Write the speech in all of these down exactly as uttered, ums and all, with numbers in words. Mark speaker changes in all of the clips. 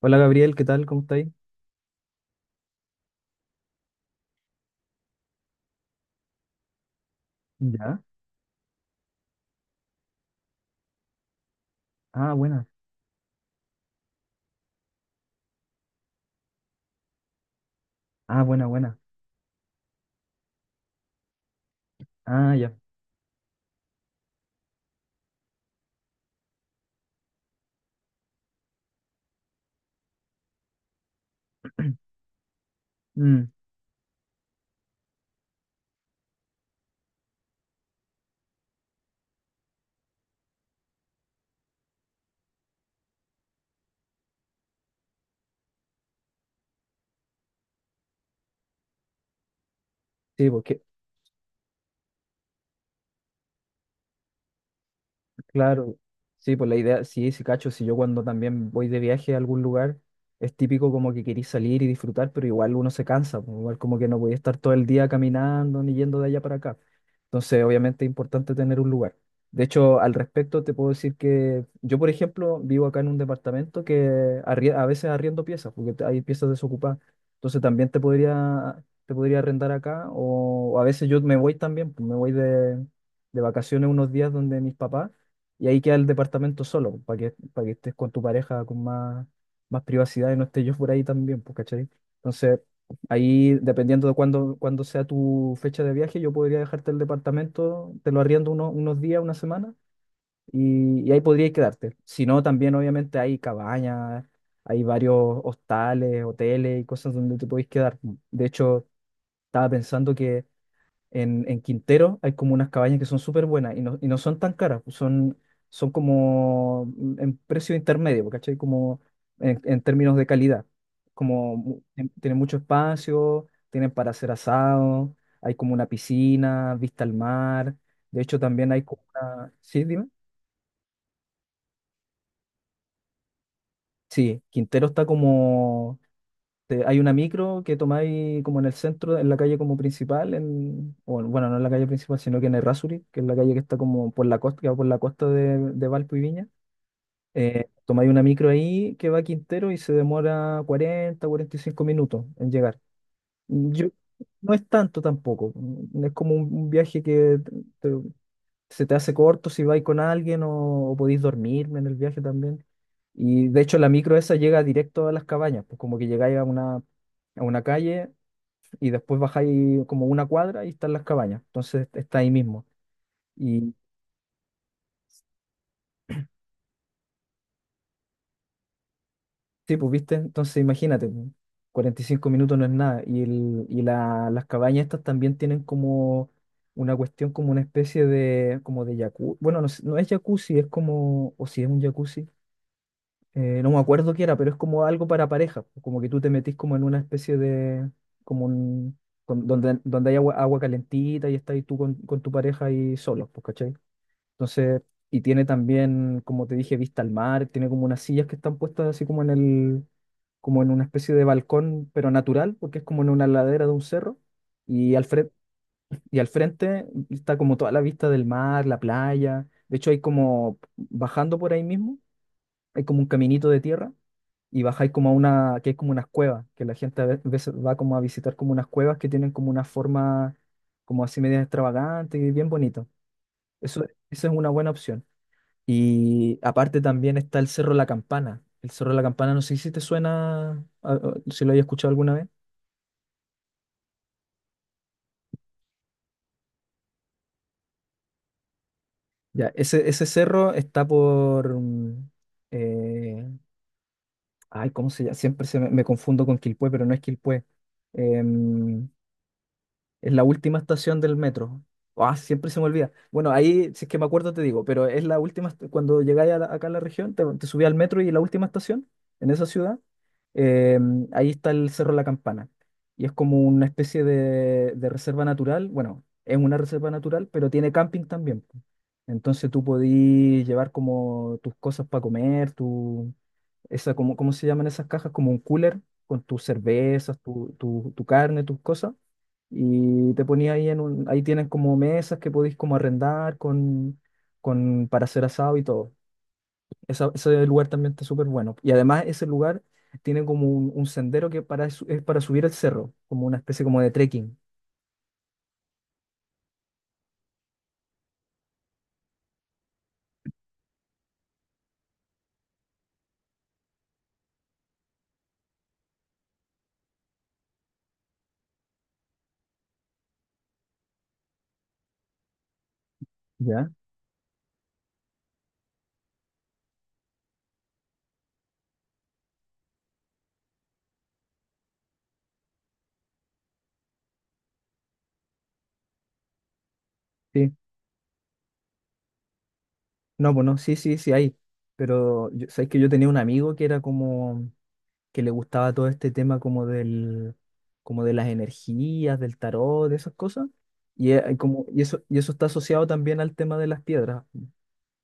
Speaker 1: Hola Gabriel, ¿qué tal? ¿Cómo estáis? Ya. Ah, buena. Ah, buena, buena. Ah, ya. Mm, sí, porque claro, sí, pues la idea, sí, sí, cacho, si yo cuando también voy de viaje a algún lugar, es típico como que querís salir y disfrutar, pero igual uno se cansa, pues, igual como que no voy a estar todo el día caminando ni yendo de allá para acá. Entonces, obviamente es importante tener un lugar. De hecho, al respecto te puedo decir que yo, por ejemplo, vivo acá en un departamento que arrie- a veces arriendo piezas, porque te- hay piezas desocupadas. Entonces también te podría, te podría arrendar acá, o, o a veces yo me voy también, pues, me voy de, de vacaciones unos días donde mis papás. Y ahí queda el departamento solo, pues, para que, para que estés con tu pareja con más, más privacidad y no esté yo por ahí también, pues, ¿cachai? Entonces, ahí, dependiendo de cuándo, cuándo sea tu fecha de viaje, yo podría dejarte el departamento, te lo arriendo uno- unos días, una semana, y, y ahí podrías quedarte. Si no, también obviamente hay cabañas, hay varios hostales, hoteles y cosas donde te podéis quedar, pues. De hecho, estaba pensando en, en Quintero hay como unas cabañas que son súper buenas y no, y no son tan caras, pues son, son como mm, en precio intermedio, pues, ¿cachai? Como en, en términos de calidad. Como mu- tien- tienen mucho espacio, tienen para hacer asado, hay como una piscina, vista al mar. De hecho, también hay como una... ¿Sí, dime? Sí, Quintero está como te- hay una micro que tomáis como en el centro, en la calle como principal, en, o bueno, no en la calle principal, sino que en el Errázuriz, que es la calle que está como por la costa, que va por la costa de, de Valpo y Viña. Eh, tomáis una micro ahí que va a Quintero y se demora cuarenta, cuarenta y cinco minutos en llegar. Yo, no es tanto tampoco, mm, es como un, un viaje que se te hace corto si vais con alguien o, o podéis dormirme en el viaje también. Y de hecho la micro esa llega directo a las cabañas, pues como que llegáis a una, a una calle y después bajáis como una cuadra y están las cabañas, entonces está ahí mismo. Y sí, pues viste, entonces imagínate, cuarenta y cinco minutos no es nada. Y, el, y la- las cabañas estas también tienen como una cuestión, como una especie de, como de jacuzzi, bueno, no, sé- no es jacuzzi, es como, o si es un jacuzzi eh, no me acuerdo qué era, pero es como algo para pareja, como que tú te metís como en una especie de, como un, con- donde, donde hay agua, agua calentita y estás ahí tú con, con tu pareja ahí solos, pues, ¿cachai? Entonces, y tiene también, como te dije, vista al mar, tiene como unas sillas que están puestas así como en el, como en una especie de balcón, pero natural, porque es como en una ladera de un cerro, y al frente, y al frente está como toda la vista del mar, la playa, de hecho hay como, bajando por ahí mismo, hay como un caminito de tierra y bajáis como a una, que es como unas cuevas, que la gente a ve- veces va como a visitar como unas cuevas que tienen como una forma como así media extravagante y bien bonito. Eso, esa es una buena opción. Y aparte también está el Cerro La Campana. El Cerro La Campana, no sé si te suena, a- a- si lo hayas escuchado alguna vez. Ya, ese, ese cerro está por... mm, eh, ay, ¿cómo se llama? Siempre se me, me confundo con Quilpué, pero no es Quilpué. Em, Es la última estación del metro. Ah, siempre se me olvida. Bueno, ahí, si es que me acuerdo, te digo, pero es la última, est- cuando llegáis a la- acá a la región, te, te subí al metro y la última estación, en esa ciudad, eh, ahí está el Cerro La Campana. Y es como una especie de, de reserva natural. Bueno, es una reserva natural, pero tiene camping también, po. Entonces tú podís llevar como tus cosas para comer, esa, cómo, ¿cómo se llaman esas cajas? Como un cooler con tus cervezas, tu, tu, tu carne, tus cosas. Y te ponía ahí en un, ahí tienen como mesas que podéis como arrendar con, con, para hacer asado y todo. Esa- ese lugar también está súper bueno. Y además ese lugar tiene como un, un sendero que para, su- es para subir el cerro, como una especie como de trekking. ¿Ya? Sí. No, pues no, sí, sí, sí, ahí. Pero yo- sabéis que yo tenía un amigo que era como, que le gustaba todo este tema como del, como de las energías, del tarot, de esas cosas. Y, eh, como, y eso, y eso está asociado también al tema de las piedras.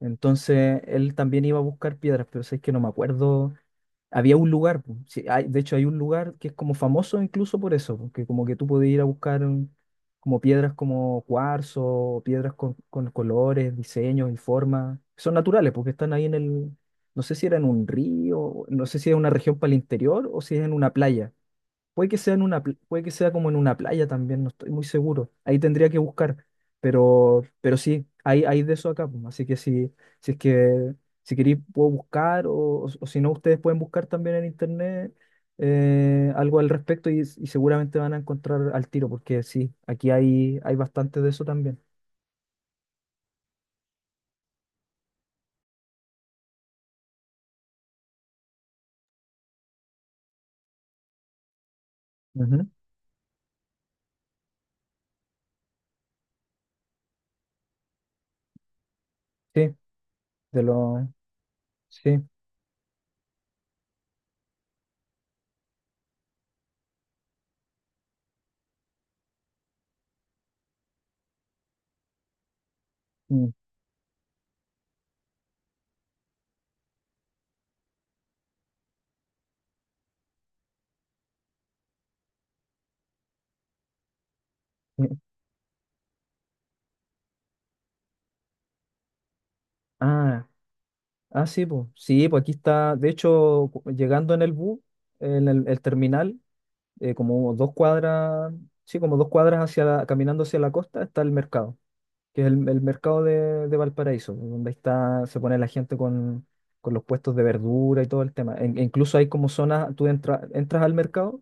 Speaker 1: Entonces él también iba a buscar piedras, pero sé que no me acuerdo había un lugar, po. Sí, hay- de hecho hay un lugar que es como famoso incluso por eso, porque como que tú podías ir a buscar un- como piedras como cuarzo, o piedras con, con colores, diseños y formas. Son naturales porque están ahí en el, no sé si era en un río, no sé si es una región para el interior o si es en una playa, puede que sea en una, pl- puede que sea como en una playa también, no estoy muy seguro. Ahí tendría que buscar, pero, pero sí, hay, hay de eso acá, pues. Así que si, si es que si queréis puedo buscar o, o o si no ustedes pueden buscar también en internet eh, algo al respecto y, y seguramente van a encontrar al tiro, porque sí, aquí hay, hay bastante de eso también. Ujú, sí, de lo, sí. Mm, mm. Ah, ah, sí, pues, sí, pues aquí está, de hecho, cu- llegando en el bus, en el el terminal, eh, como dos cuadras, sí, como dos cuadras hacia la- caminando hacia la costa está el mercado, que es el, el mercado de, de Valparaíso, donde ahí está, se pone la gente con, con los puestos de verdura y todo el tema. E- e incluso hay como zonas, tú entra- entras al mercado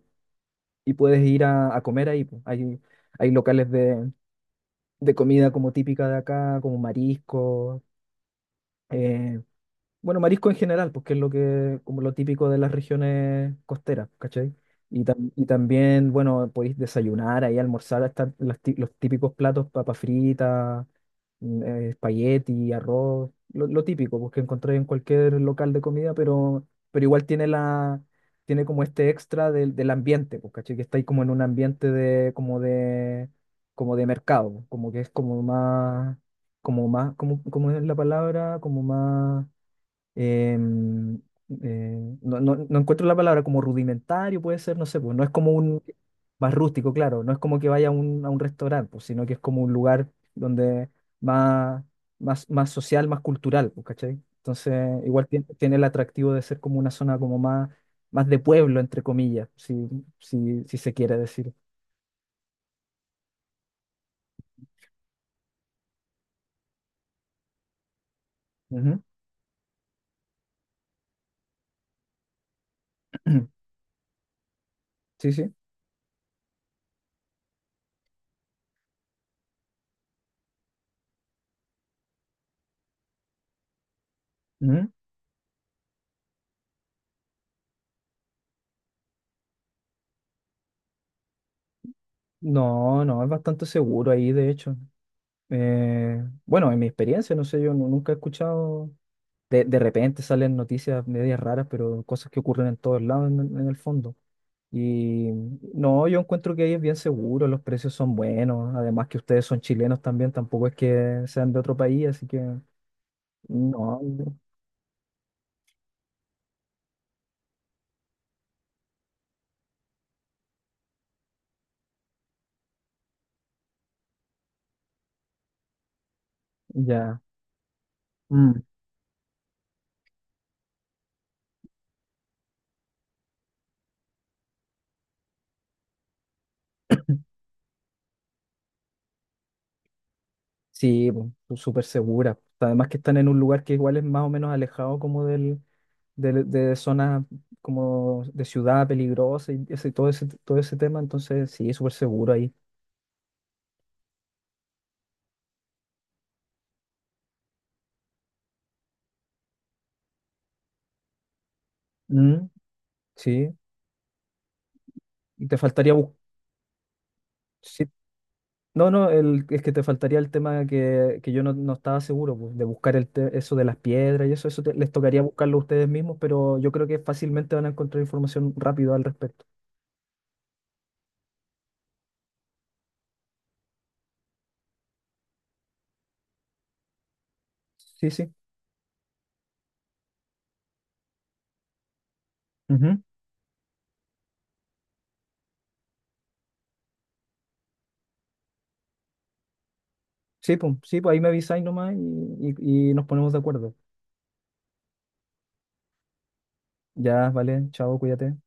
Speaker 1: y puedes ir a, a comer ahí, pues. Hay, hay locales de, de comida como típica de acá, como marisco, eh, bueno, marisco en general, porque es lo que, como lo típico de las regiones costeras, ¿cachai? Y, tam- y también, bueno, podéis desayunar ahí, almorzar, están los, tí- los típicos platos, papa frita, mm, eh, espagueti, arroz, lo, lo típico, porque encontráis en cualquier local de comida, pero, pero igual tiene la, tiene como este extra del, del ambiente, pues, ¿cachai? Que estáis como en un ambiente de, como de, como de mercado, como que es como más, como más, como, como es la palabra, como más em, eh, no, no- no encuentro la palabra como rudimentario, puede ser, no sé, pues no es como un más rústico, claro, no es como que vaya a un, a un restaurante, pues, sino que es como un lugar donde más, más, más social, más cultural, pues, ¿cachai? Entonces, igual tiene tiene, el atractivo de ser como una zona como más, más de pueblo, entre comillas, si, si, si se quiere decir. Ujú. Sí, sí. Ujú. No, no, es bastante seguro ahí, de hecho. Eh, bueno, en mi experiencia, no sé, yo nu- nunca he escuchado, de, de repente salen noticias medias raras, pero cosas que ocurren en todos lados en, en el fondo. Y no, yo encuentro que ahí es bien seguro, los precios son buenos, además que ustedes son chilenos también, tampoco es que sean de otro país, así que no, ya. Mm. Sí, po, sú- súper segura. Además que están en un lugar que igual es más o menos alejado como del, del- de zonas como de ciudad peligrosa y ese, todo ese, todo ese tema, entonces sí, súper seguro ahí. Mm, sí, y te faltaría bus- sí. No, no, el, es que te faltaría el tema que, que yo no, no estaba seguro, pues, de buscar el te- eso de las piedras y eso, eso te- les tocaría buscarlo ustedes mismos, pero yo creo que fácilmente van a encontrar información rápido al respecto. Sí, sí. Sí, pues, sí, pues ahí me avisáis nomás y, y, y nos ponemos de acuerdo. Ya, vale, chao, cuídate.